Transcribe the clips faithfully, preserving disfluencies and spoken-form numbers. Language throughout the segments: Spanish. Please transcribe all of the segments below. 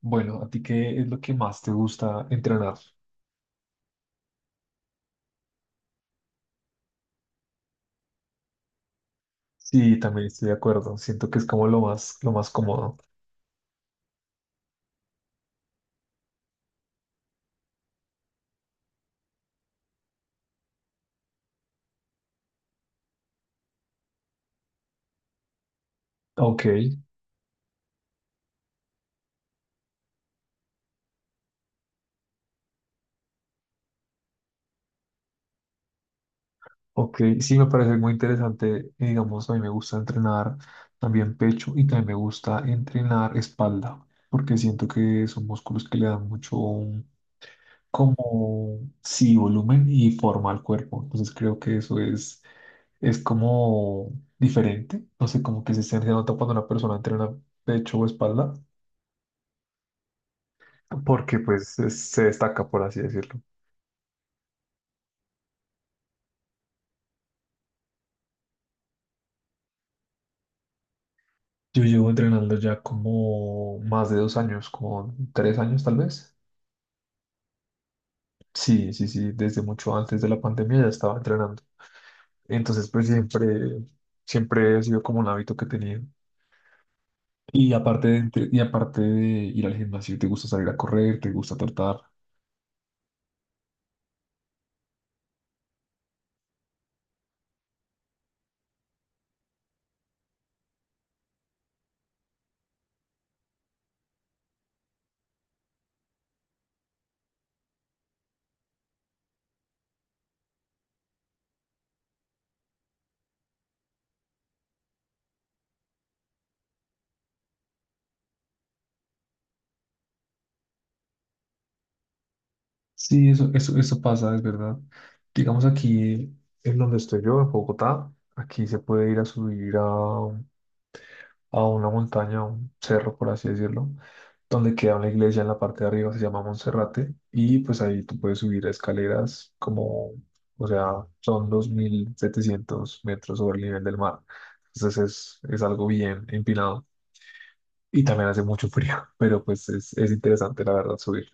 Bueno, ¿a ti qué es lo que más te gusta entrenar? Sí, también estoy de acuerdo. Siento que es como lo más, lo más cómodo. OK, ok. Sí, me parece muy interesante. Y, digamos, a mí me gusta entrenar también pecho y también me gusta entrenar espalda, porque siento que son músculos que le dan mucho um, como, sí, volumen y forma al cuerpo. Entonces creo que eso es, es como diferente. No sé, como que se se nota cuando una persona entrena pecho o espalda porque pues es- se destaca, por así decirlo. Yo llevo entrenando ya como más de dos años, como tres años tal vez. Sí, sí, sí, desde mucho antes de la pandemia ya estaba entrenando. Entonces, pues siempre, siempre ha sido como un hábito que he tenido. Y aparte de, entre- y aparte de ir al gimnasio, ¿te gusta salir a correr? ¿Te gusta trotar? Sí, eso, eso, eso pasa, es verdad. Digamos aquí, en donde estoy yo, en Bogotá, aquí se puede ir a subir a, a una montaña, a un cerro, por así decirlo, donde queda una iglesia en la parte de arriba, se llama Monserrate, y pues ahí tú puedes subir escaleras como, o sea, son dos mil setecientos metros sobre el nivel del mar. Entonces es, es algo bien empinado y también hace mucho frío, pero pues es, es interesante la verdad subir.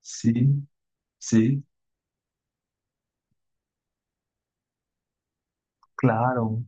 Sí, sí, claro,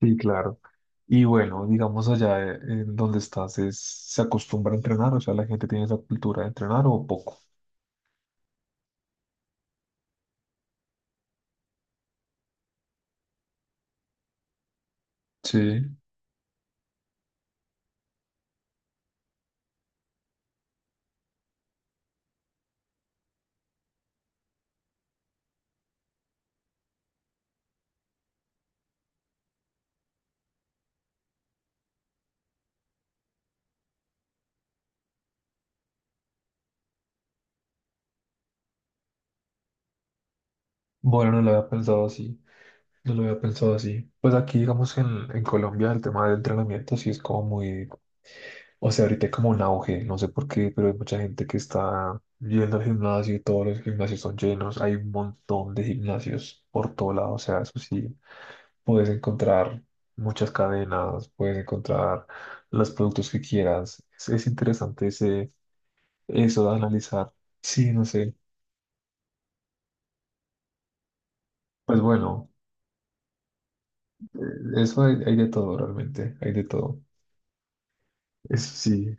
sí, claro. Y bueno, digamos allá eh, en donde estás, es, ¿se acostumbra a entrenar? O sea, la gente tiene esa cultura de entrenar o poco. Sí. Bueno, no lo había pensado así, no lo había pensado así. Pues aquí, digamos, en, en Colombia el tema del entrenamiento sí es como muy, o sea, ahorita hay como un auge, no sé por qué, pero hay mucha gente que está yendo al gimnasio y todos los gimnasios son llenos, hay un montón de gimnasios por todo lado, o sea, eso sí, puedes encontrar muchas cadenas, puedes encontrar los productos que quieras. Es, es interesante ese, eso de analizar. Sí, no sé. Pues bueno, eh, eso hay hay de todo realmente, hay de todo. Eso sí,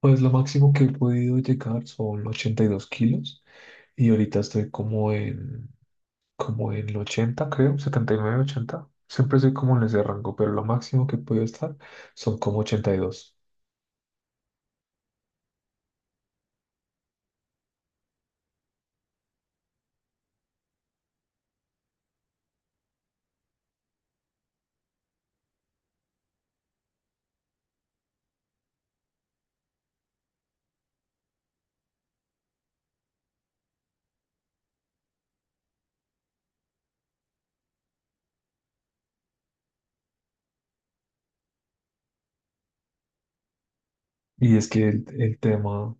pues lo máximo que he podido llegar son ochenta y dos kilos y ahorita estoy como en, como en el ochenta, creo, setenta y nueve ochenta. Siempre estoy como en ese rango, pero lo máximo que he podido estar son como ochenta y dos. Y dos. Y es que el, el tema,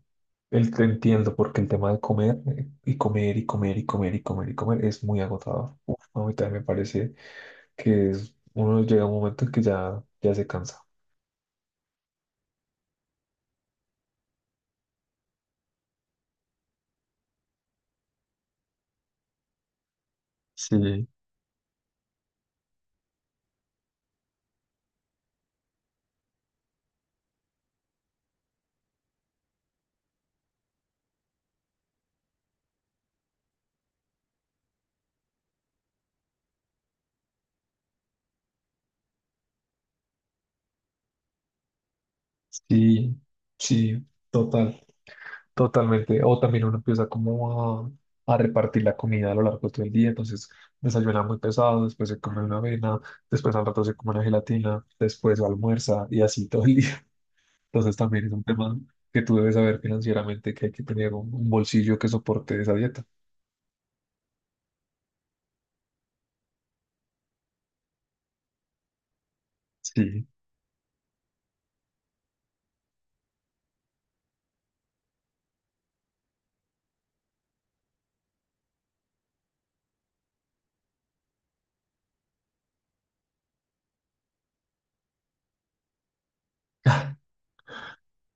el, te entiendo, porque el tema de comer eh, y comer y comer y comer y comer y comer es muy agotador. Uf, no, a mí también me parece que es, uno llega a un momento en que ya, ya se cansa. Sí, sí, sí, total. Totalmente. O también uno empieza como a, a repartir la comida a lo largo de todo el día. Entonces desayuna muy pesado, después se come una avena, después al rato se come una gelatina, después almuerza y así todo el día. Entonces también es un tema que tú debes saber financieramente que hay que tener un, un bolsillo que soporte esa dieta. Sí,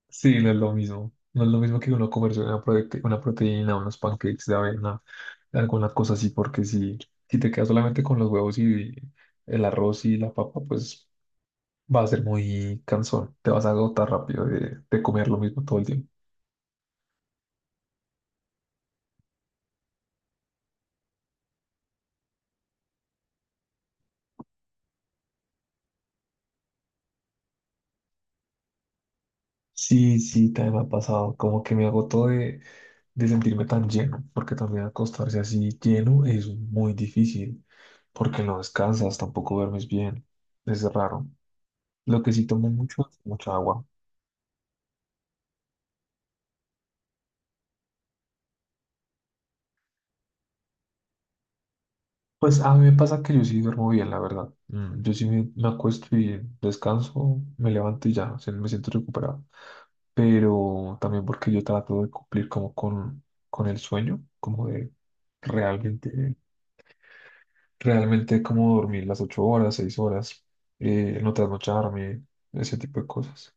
sí, no es lo mismo. No es lo mismo que uno comerse una, prote- una proteína, unos pancakes de avena, alguna cosa así, porque si, si te quedas solamente con los huevos y el arroz y la papa, pues va a ser muy cansón, te vas a agotar rápido de, de comer lo mismo todo el tiempo. Sí, sí, también me ha pasado, como que me agotó de, de sentirme tan lleno, porque también acostarse así lleno es muy difícil, porque no descansas, tampoco duermes bien, es raro. Lo que sí tomo mucho es mucha agua. Pues a mí me pasa que yo sí duermo bien, la verdad. Mm. Yo sí me, me acuesto y descanso, me levanto y ya, o sea, me siento recuperado. Pero también porque yo trato de cumplir como con, con el sueño, como de realmente, realmente como dormir las ocho horas, seis horas, eh, no trasnocharme, ese tipo de cosas.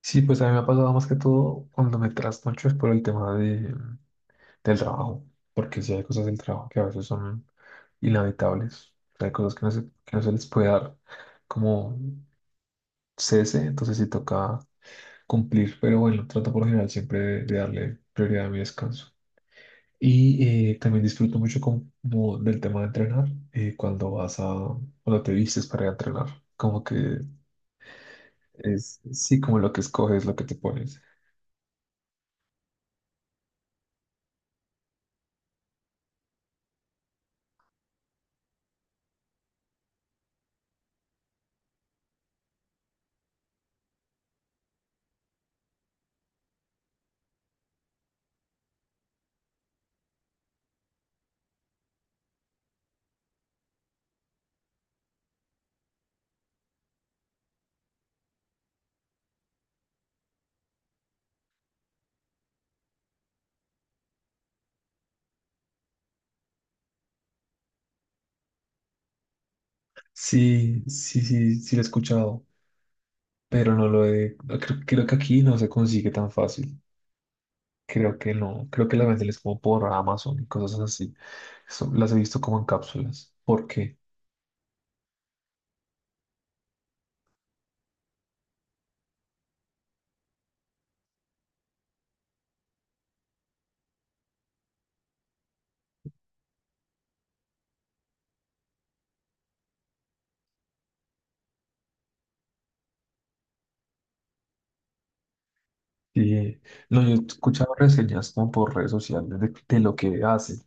Sí, pues a mí me ha pasado más que todo cuando me trasnocho es por el tema de, del trabajo, porque si hay cosas del trabajo que a veces son inevitables, o sea, hay cosas que no se, que no se les puede dar como cese, entonces sí toca cumplir, pero bueno, trato por lo general siempre de, de darle prioridad a mi descanso. Y eh, también disfruto mucho como, como del tema de entrenar, eh, cuando vas a, cuando te vistes para ir a entrenar, como que es, sí, como lo que escoges, lo que te pones. Sí, sí, sí, sí lo he escuchado, pero no lo he, no creo, creo que aquí no se consigue tan fácil. Creo que no, creo que las venden es como por Amazon y cosas así. Eso las he visto como en cápsulas. ¿Por qué? Y, no, yo he escuchado reseñas como por redes sociales de, de lo que hacen,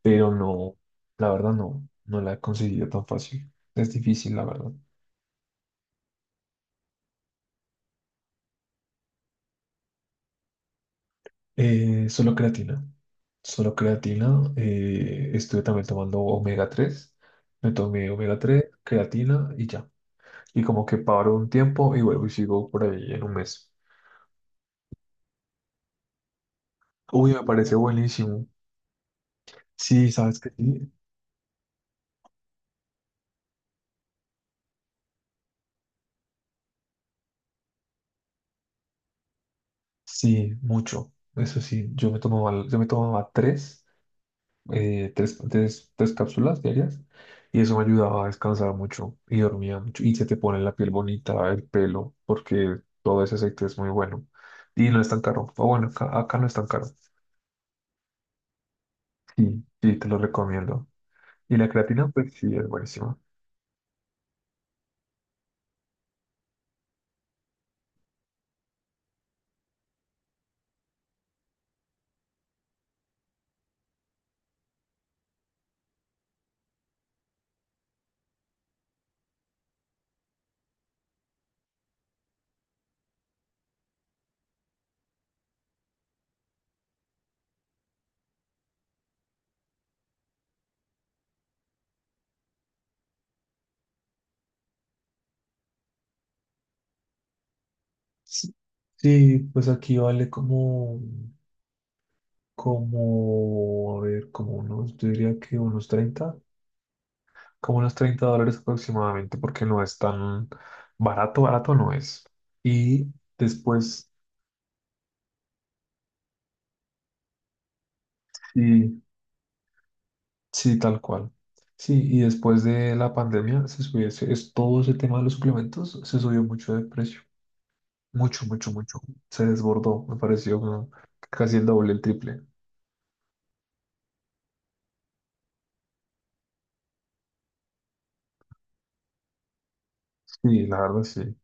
pero no, la verdad no, no la he conseguido tan fácil. Es difícil, la verdad. Eh, solo creatina. Solo creatina. eh, estuve también tomando omega tres. Me tomé omega tres creatina y ya. Y como que paro un tiempo y vuelvo y sigo por ahí en un mes. Uy, me parece buenísimo. Sí, sabes que sí, sí, mucho. Eso sí, yo me tomaba, yo me tomaba tres, eh, tres, tres, tres cápsulas diarias y eso me ayudaba a descansar mucho y dormía mucho. Y se te pone la piel bonita, el pelo, porque todo ese aceite es muy bueno y no es tan caro. O bueno, acá, acá no es tan caro. Sí, sí, te lo recomiendo. Y la creatina, pues sí, es buenísima. Sí, sí, pues aquí vale como, como, a ver, como unos, yo diría que unos treinta como unos treinta dólares aproximadamente, porque no es tan barato, barato no es. Y después, sí, sí, tal cual. Sí, y después de la pandemia se subió, ese- es, todo ese tema de los suplementos se subió mucho de precio, mucho, mucho, mucho. Se desbordó, me pareció como casi el doble, el triple. Sí, la verdad, sí,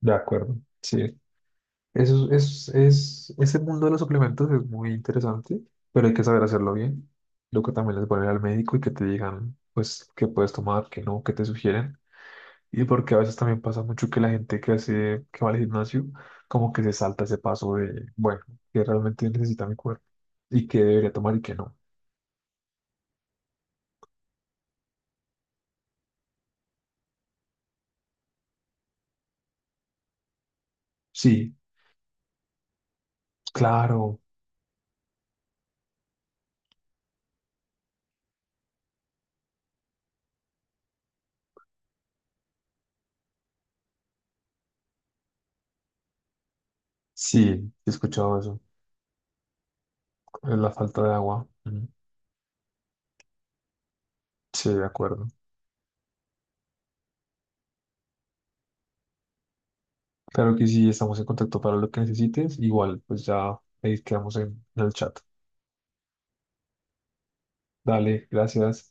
de acuerdo. Sí, eso es, es, es- ese mundo de los suplementos es muy interesante, pero hay que saber hacerlo bien. Lo que también les voy al médico y que te digan, pues, qué puedes tomar, qué no, qué te sugieren. Y porque a veces también pasa mucho que la gente que hace, que va al gimnasio, como que se salta ese paso de, bueno, que realmente necesita mi cuerpo y qué debería tomar y qué no. Sí, claro, sí, he escuchado eso. Es la falta de agua. Mm, sí, de acuerdo. Claro que sí, estamos en contacto para lo que necesites. Igual, pues ya ahí quedamos en en el chat. Dale, gracias.